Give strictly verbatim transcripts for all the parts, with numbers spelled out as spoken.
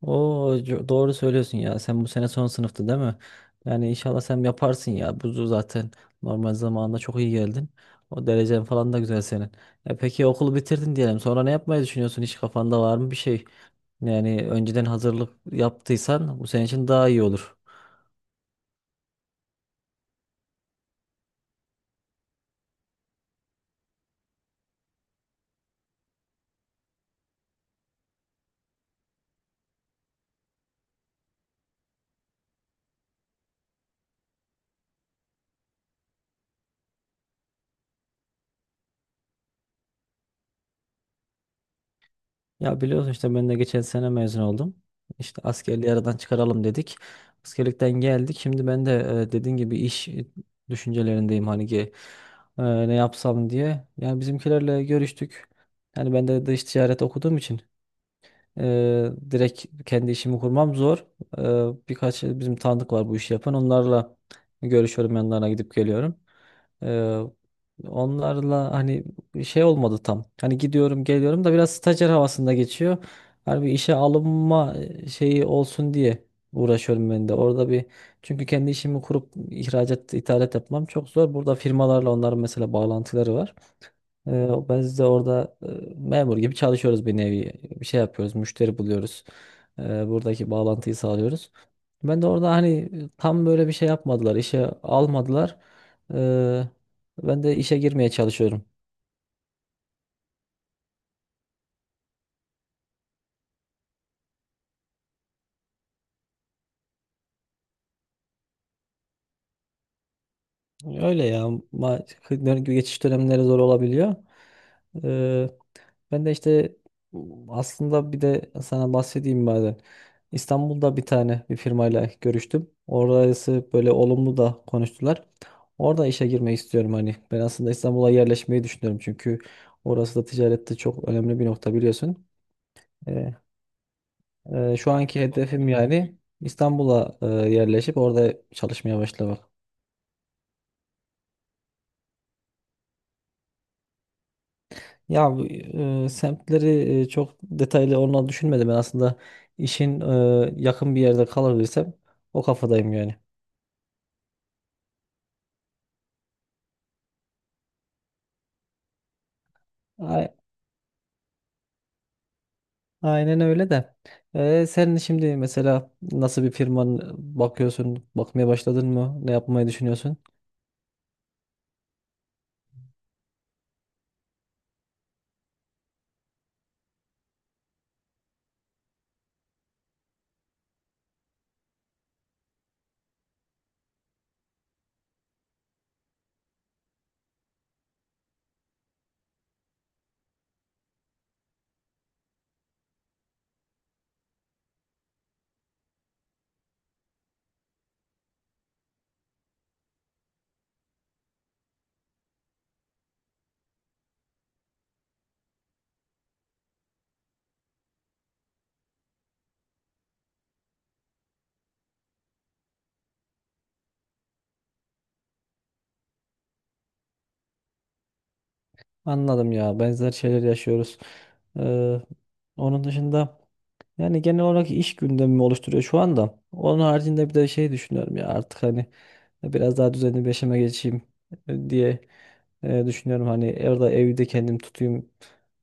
Oo, co- doğru söylüyorsun ya. Sen bu sene son sınıftı değil mi? Yani inşallah sen yaparsın ya. Bu zaten normal zamanında çok iyi geldin. O derecen falan da güzel senin. E peki okulu bitirdin diyelim. Sonra ne yapmayı düşünüyorsun? Hiç kafanda var mı bir şey? Yani önceden hazırlık yaptıysan bu senin için daha iyi olur. Ya biliyorsun işte ben de geçen sene mezun oldum. İşte askerliği aradan çıkaralım dedik. Askerlikten geldik. Şimdi ben de e, dediğin gibi iş e, düşüncelerindeyim hani ki e, ne yapsam diye. Yani bizimkilerle görüştük. Yani ben de dış ticaret okuduğum için e, direkt kendi işimi kurmam zor. E, birkaç bizim tanıdık var bu işi yapan. Onlarla görüşüyorum yanlarına gidip geliyorum. Ee, onlarla hani şey olmadı tam. Hani gidiyorum geliyorum da biraz stajyer havasında geçiyor. Hani bir işe alınma şeyi olsun diye uğraşıyorum ben de. Orada bir çünkü kendi işimi kurup ihracat, ithalat yapmam çok zor. Burada firmalarla onların mesela bağlantıları var. Ee, biz de orada e, memur gibi çalışıyoruz bir nevi. Bir şey yapıyoruz, müşteri buluyoruz. Ee, buradaki bağlantıyı sağlıyoruz. Ben de orada hani e, tam böyle bir şey yapmadılar, işe almadılar. Ee, ben de işe girmeye çalışıyorum. Öyle ya, ma geçiş dönemleri zor olabiliyor. Ee, Ben de işte aslında bir de sana bahsedeyim madem. İstanbul'da bir tane bir firmayla görüştüm. Orası böyle olumlu da konuştular. Orada işe girmeyi istiyorum hani. Ben aslında İstanbul'a yerleşmeyi düşünüyorum çünkü orası da ticarette çok önemli bir nokta biliyorsun. Ee, e, şu anki hedefim yani İstanbul'a e, yerleşip orada çalışmaya başlamak. Ya bu, e, semtleri e, çok detaylı olma düşünmedim. Ben aslında işin e, yakın bir yerde kalabilirsem o kafadayım yani. A- Aynen öyle de. E, sen şimdi mesela nasıl bir firman bakıyorsun? Bakmaya başladın mı? Ne yapmayı düşünüyorsun? Anladım ya. Benzer şeyler yaşıyoruz. E, onun dışında. Yani genel olarak iş gündemimi oluşturuyor şu anda. Onun haricinde bir de şey düşünüyorum ya artık hani biraz daha düzenli bir yaşama geçeyim e, diye e, düşünüyorum. Hani orada evde kendim tutayım.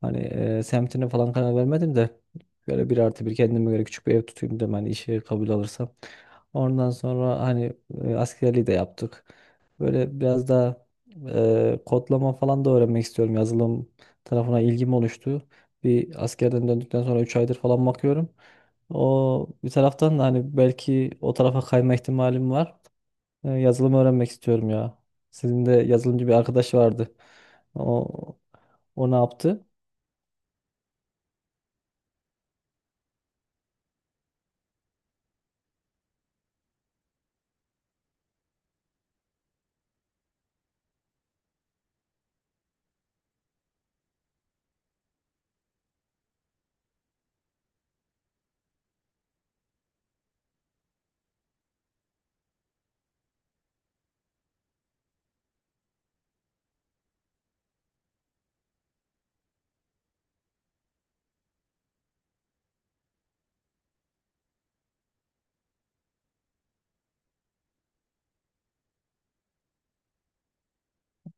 Hani e, semtine falan karar vermedim de böyle bir artı bir kendime göre küçük bir ev tutayım dedim hani işe kabul alırsam. Ondan sonra hani e, askerliği de yaptık. Böyle biraz daha e, kodlama falan da öğrenmek istiyorum. Yazılım tarafına ilgim oluştu. Bir askerden döndükten sonra üç aydır falan bakıyorum. O bir taraftan da hani belki o tarafa kayma ihtimalim var. E, yazılım öğrenmek istiyorum ya. Sizin de yazılımcı bir arkadaş vardı. O, o ne yaptı?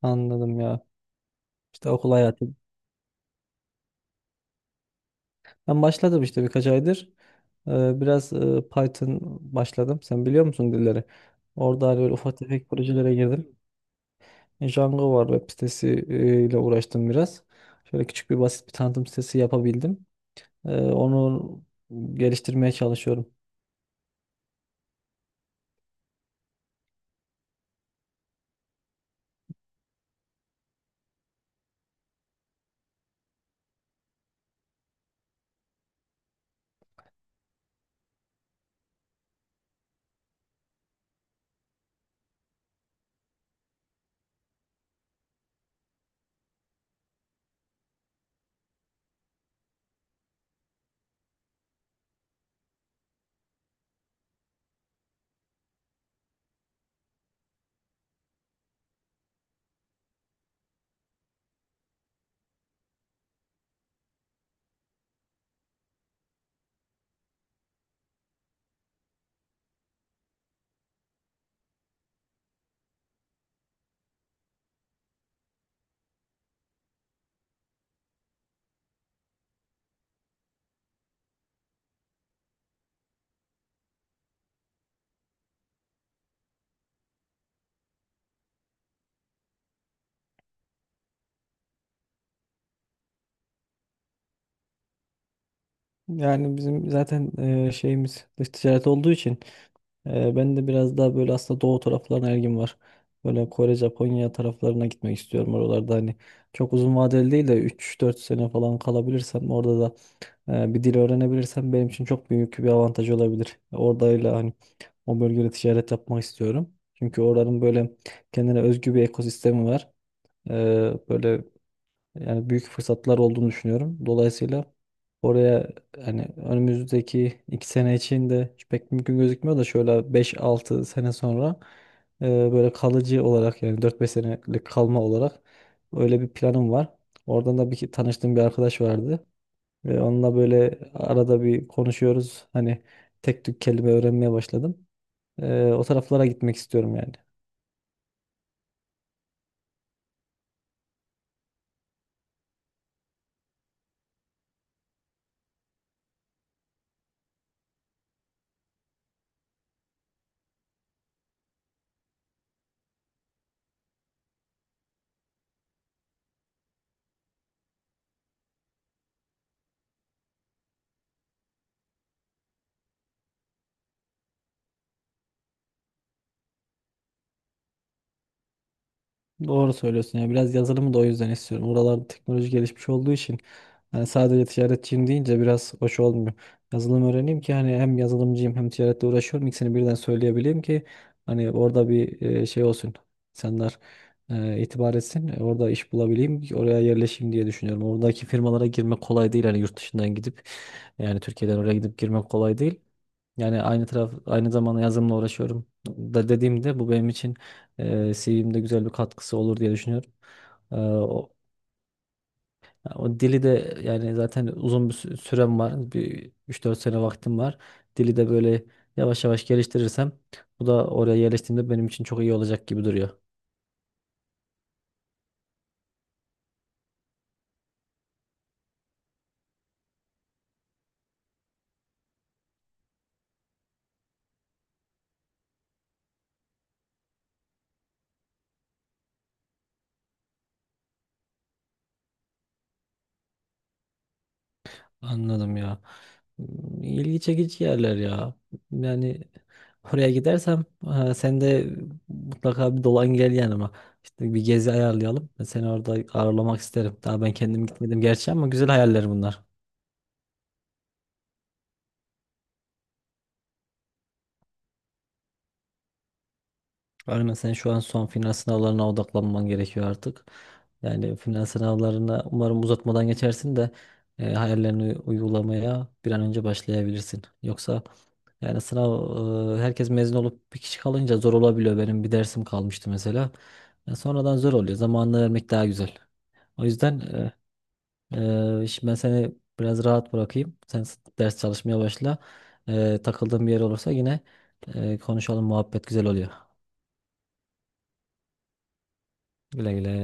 Anladım ya. İşte okul hayatı. Ben başladım işte birkaç aydır. Ee, biraz e, Python başladım. Sen biliyor musun dilleri? Orada hani böyle ufak tefek projelere girdim. Django var, web sitesi e, ile uğraştım biraz. Şöyle küçük bir basit bir tanıtım sitesi yapabildim. Ee, onu geliştirmeye çalışıyorum. Yani bizim zaten e, şeyimiz dış ticaret olduğu için Ee, ben de biraz daha böyle aslında doğu taraflarına ilgim var. Böyle Kore, Japonya taraflarına gitmek istiyorum. Oralarda hani çok uzun vadeli değil de üç dört sene falan kalabilirsem orada da e, bir dil öğrenebilirsem benim için çok büyük bir avantaj olabilir. Oradayla hani o bölgede ticaret yapmak istiyorum. Çünkü oranın böyle kendine özgü bir ekosistemi var. Ee, böyle yani büyük fırsatlar olduğunu düşünüyorum. Dolayısıyla oraya hani önümüzdeki iki sene için de hiç pek mümkün gözükmüyor da şöyle beş altı sene sonra e, böyle kalıcı olarak yani dört beş senelik kalma olarak öyle bir planım var. Oradan da bir ki- tanıştığım bir arkadaş vardı. Ve onunla böyle arada bir konuşuyoruz. Hani tek tük kelime öğrenmeye başladım. Ee, o taraflara gitmek istiyorum yani. Doğru söylüyorsun ya. Biraz yazılımı da o yüzden istiyorum. Oralarda teknoloji gelişmiş olduğu için hani sadece ticaretçiyim deyince biraz hoş olmuyor. Yazılım öğreneyim ki hani hem yazılımcıyım hem ticaretle uğraşıyorum. İkisini birden söyleyebileyim ki hani orada bir e, şey olsun. İnsanlar e, itibar etsin. E, orada iş bulabileyim ki oraya yerleşeyim diye düşünüyorum. Oradaki firmalara girmek kolay değil. Hani yurt dışından gidip yani Türkiye'den oraya gidip girmek kolay değil. Yani aynı taraf aynı zamanda yazılımla uğraşıyorum da dediğimde bu benim için e, C V'mde güzel bir katkısı olur diye düşünüyorum. E, o, o dili de yani zaten uzun bir sü- sürem var. Bir üç dört sene vaktim var. Dili de böyle yavaş yavaş geliştirirsem bu da oraya yerleştiğimde benim için çok iyi olacak gibi duruyor. Anladım ya. Hmm, İlgi çekici yerler ya. Yani oraya gidersem e, sen de mutlaka bir dolan gel yanıma. İşte bir gezi ayarlayalım. Ben seni orada ağırlamak isterim. Daha ben kendim gitmedim gerçi ama güzel hayaller bunlar. Aynen, sen şu an son final sınavlarına odaklanman gerekiyor artık. Yani final sınavlarına umarım uzatmadan geçersin de e, hayallerini uygulamaya bir an önce başlayabilirsin. Yoksa yani sınav e, herkes mezun olup bir kişi kalınca zor olabiliyor. Benim bir dersim kalmıştı mesela. Ya sonradan zor oluyor. Zamanını vermek daha güzel. O yüzden e, e, şimdi ben seni biraz rahat bırakayım. Sen s- ders çalışmaya başla. E, takıldığın bir yer olursa yine e, konuşalım. Muhabbet güzel oluyor. Güle güle.